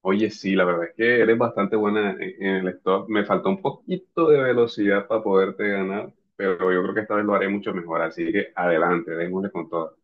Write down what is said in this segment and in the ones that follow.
Oye, sí, la verdad es que eres bastante buena en el stop. Me faltó un poquito de velocidad para poderte ganar, pero yo creo que esta vez lo haré mucho mejor. Así que adelante, démosle con todo.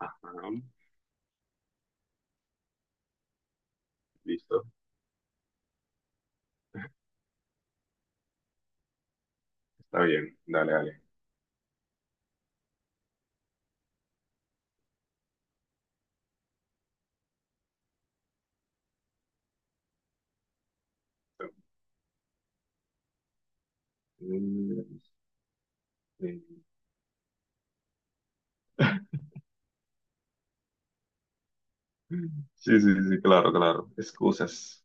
Ajá, listo, está bien, dale, dale. Mm, sí, sí, sí, sí, claro, claro. Excusas.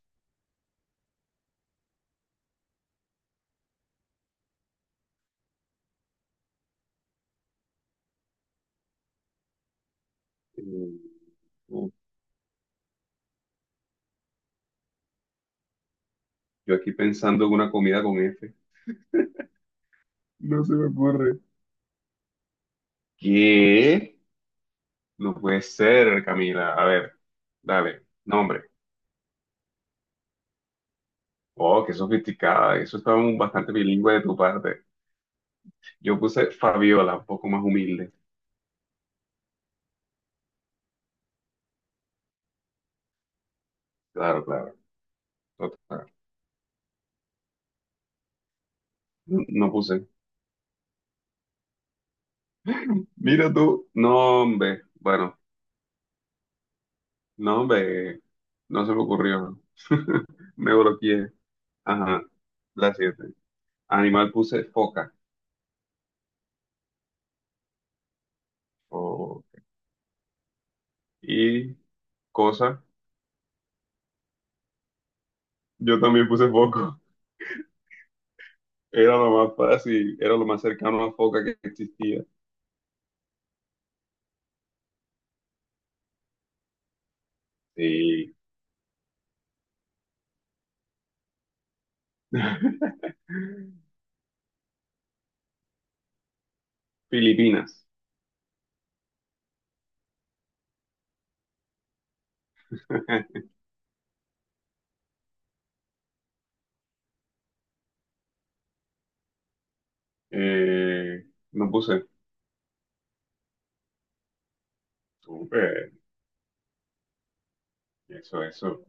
Mm, uh, Yo aquí pensando en una comida con F. No se me ocurre. ¿Qué? No puede ser, Camila. A ver, dale, nombre. Oh, qué sofisticada. Eso está bastante bilingüe de tu parte. Yo puse Fabiola, un poco más humilde. Claro, claro. Total. No, no puse. Mira tú. No, hombre. Bueno, no, hombre. No se me ocurrió. Me bloqueé. Ajá. La siete. Animal puse foca. Oh, y cosa. Yo también puse foco. Era lo más fácil. Era lo más cercano a foca que existía. Sí. Filipinas. Eh, no puse. Súper. Eso, eso.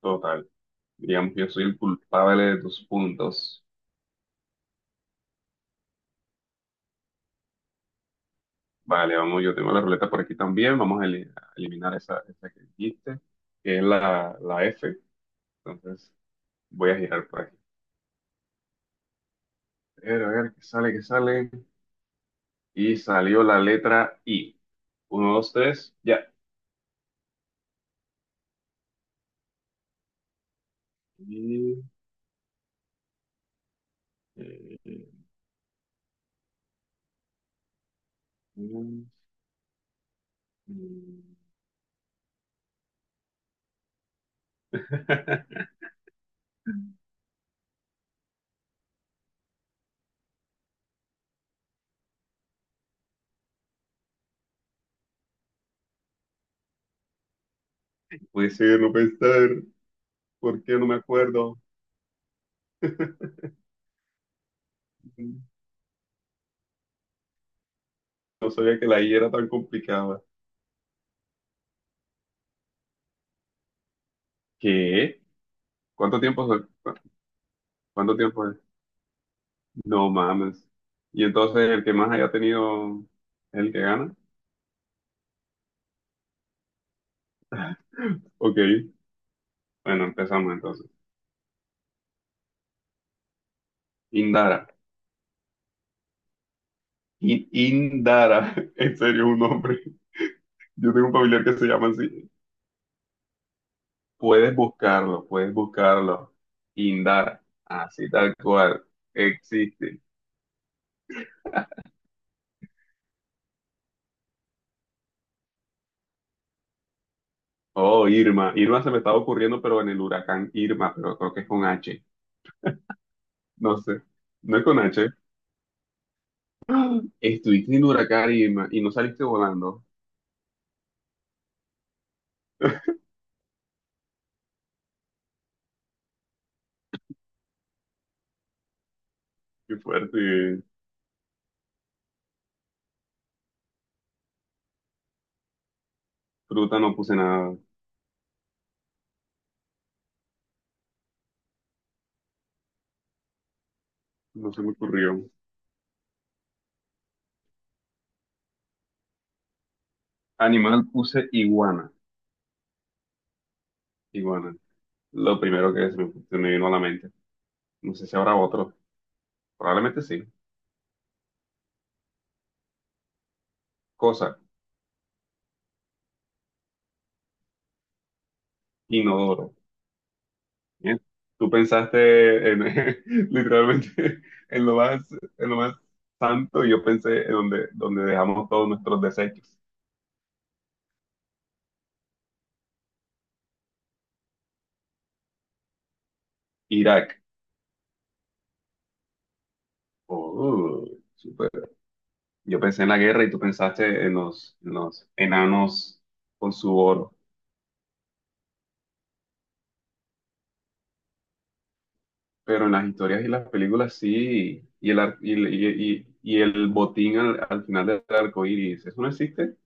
Total. Digamos que yo soy el culpable de tus puntos. Vale, vamos, yo tengo la ruleta por aquí también. Vamos a, a eliminar esa, esa que dijiste, que es la F. Entonces, voy a girar por aquí. A ver, qué sale, qué sale. Y salió la letra I. Uno, dos, tres, ya. Y, eh, mm, mm. Puede ser, no pensar. ¿Por qué no me acuerdo? No sabía que la I era tan complicada. ¿Qué? ¿Cuánto tiempo soy? ¿Cuánto tiempo es? No mames. Y entonces el que más haya tenido es el que gana. Ok. Bueno, empezamos entonces. Indara. Indara. En serio, un nombre. Yo tengo un familiar que se llama así. Puedes buscarlo, puedes buscarlo. Indara. Así tal cual. Existe. Oh, Irma. Irma se me estaba ocurriendo, pero en el huracán Irma, pero creo que es con H. No sé. No es con H. Estuviste en huracán y no saliste volando. Qué fuerte. Fruta no puse nada. No se me ocurrió. Animal puse iguana. Iguana. Lo primero que se me vino a la mente. No sé si habrá otro. Probablemente sí. Cosa. Inodoro. Bien. Tú pensaste en, literalmente en lo más, en lo más santo y yo pensé en donde, donde dejamos todos nuestros desechos. Irak. Oh, yo pensé en la guerra y tú pensaste en en los enanos con su oro. Pero en las historias y las películas sí, y el, ar- y el botín al final del arco iris, ¿eso no existe?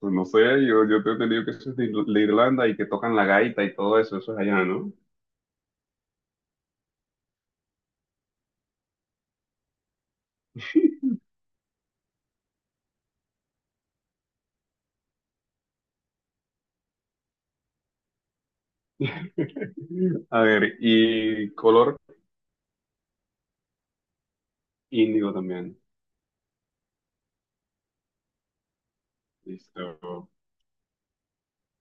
Pues no sé, yo te he entendido que eso es de Irlanda y que tocan la gaita y todo eso, eso es allá, ¿no? A ver, y color índigo también. Listo.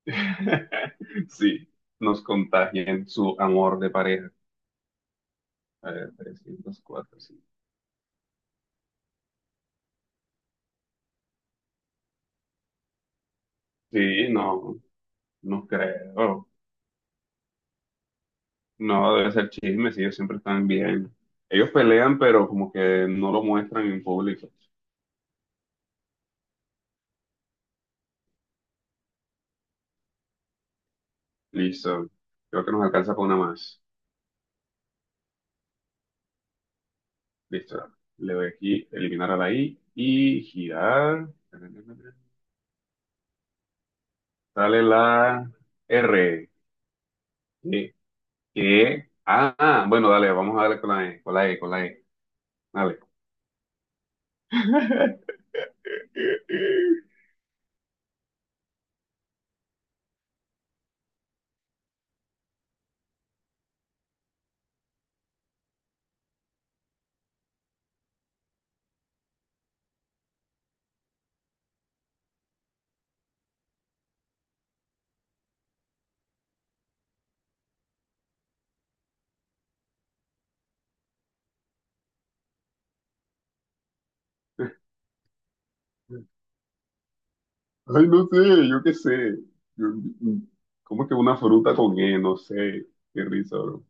Sí, nos contagian su amor de pareja. A ver, 304, sí. Sí, no. No creo. No, debe ser chisme, sí, ellos siempre están bien. Ellos pelean, pero como que no lo muestran en público. Listo. Creo que nos alcanza para una más. Listo. Le doy aquí, eliminar a la I y girar. Sale la R. ¿Qué? ¿Qué? Ah, ah, bueno, dale, vamos a darle con la E, con la E. Dale. Ay, no sé, yo qué sé. Yo- ¿Cómo que una fruta con E? No sé. Qué risa, bro.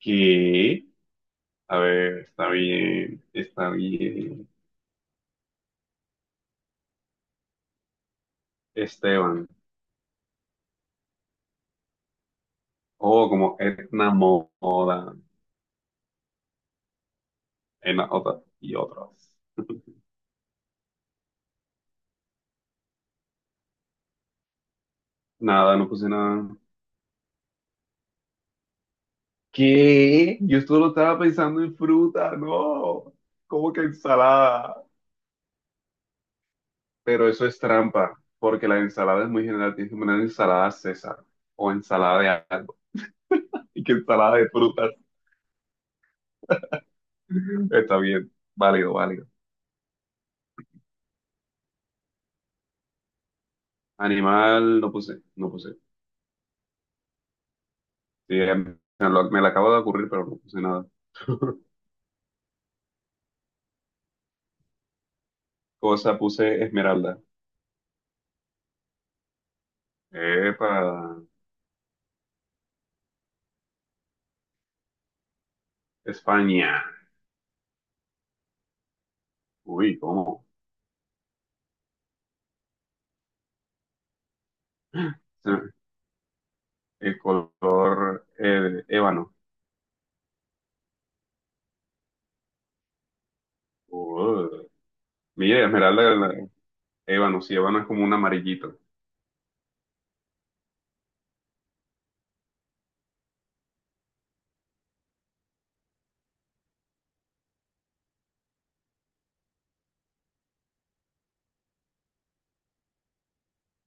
¿Qué? A ver, está bien, está bien. Esteban. Oh, como Etna Moda. Y otras. Nada, no puse nada. ¿Qué? Yo solo estaba pensando en fruta, no. ¿Cómo que ensalada? Pero eso es trampa, porque la ensalada es muy general. Tienes que poner ensalada César o ensalada de algo. Y que ensalada de frutas. Está bien, válido, válido. Animal, no puse, no puse. Sí, em, me lo acabo de ocurrir, pero no puse nada. Cosa, puse esmeralda. Epa, España. Uy, ¿cómo? Se- El color ébano. Uh, mira, esmeralda, ébano, sí, ébano es como un amarillito.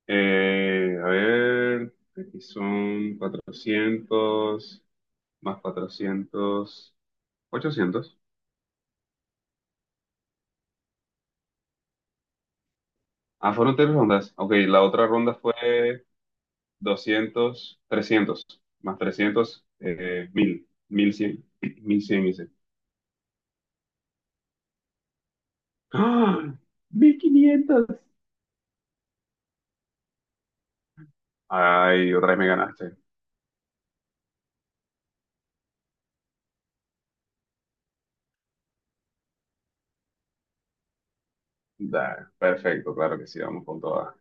A ver, aquí son 400 más 400, 800. Ah, fueron tres rondas. Ok, la otra ronda fue 200, 300, más 300, 1000, 1100, 1100 hice. ¡Ah! 1500. Ay, otra vez me ganaste. Da, perfecto, claro que sí, vamos con todas.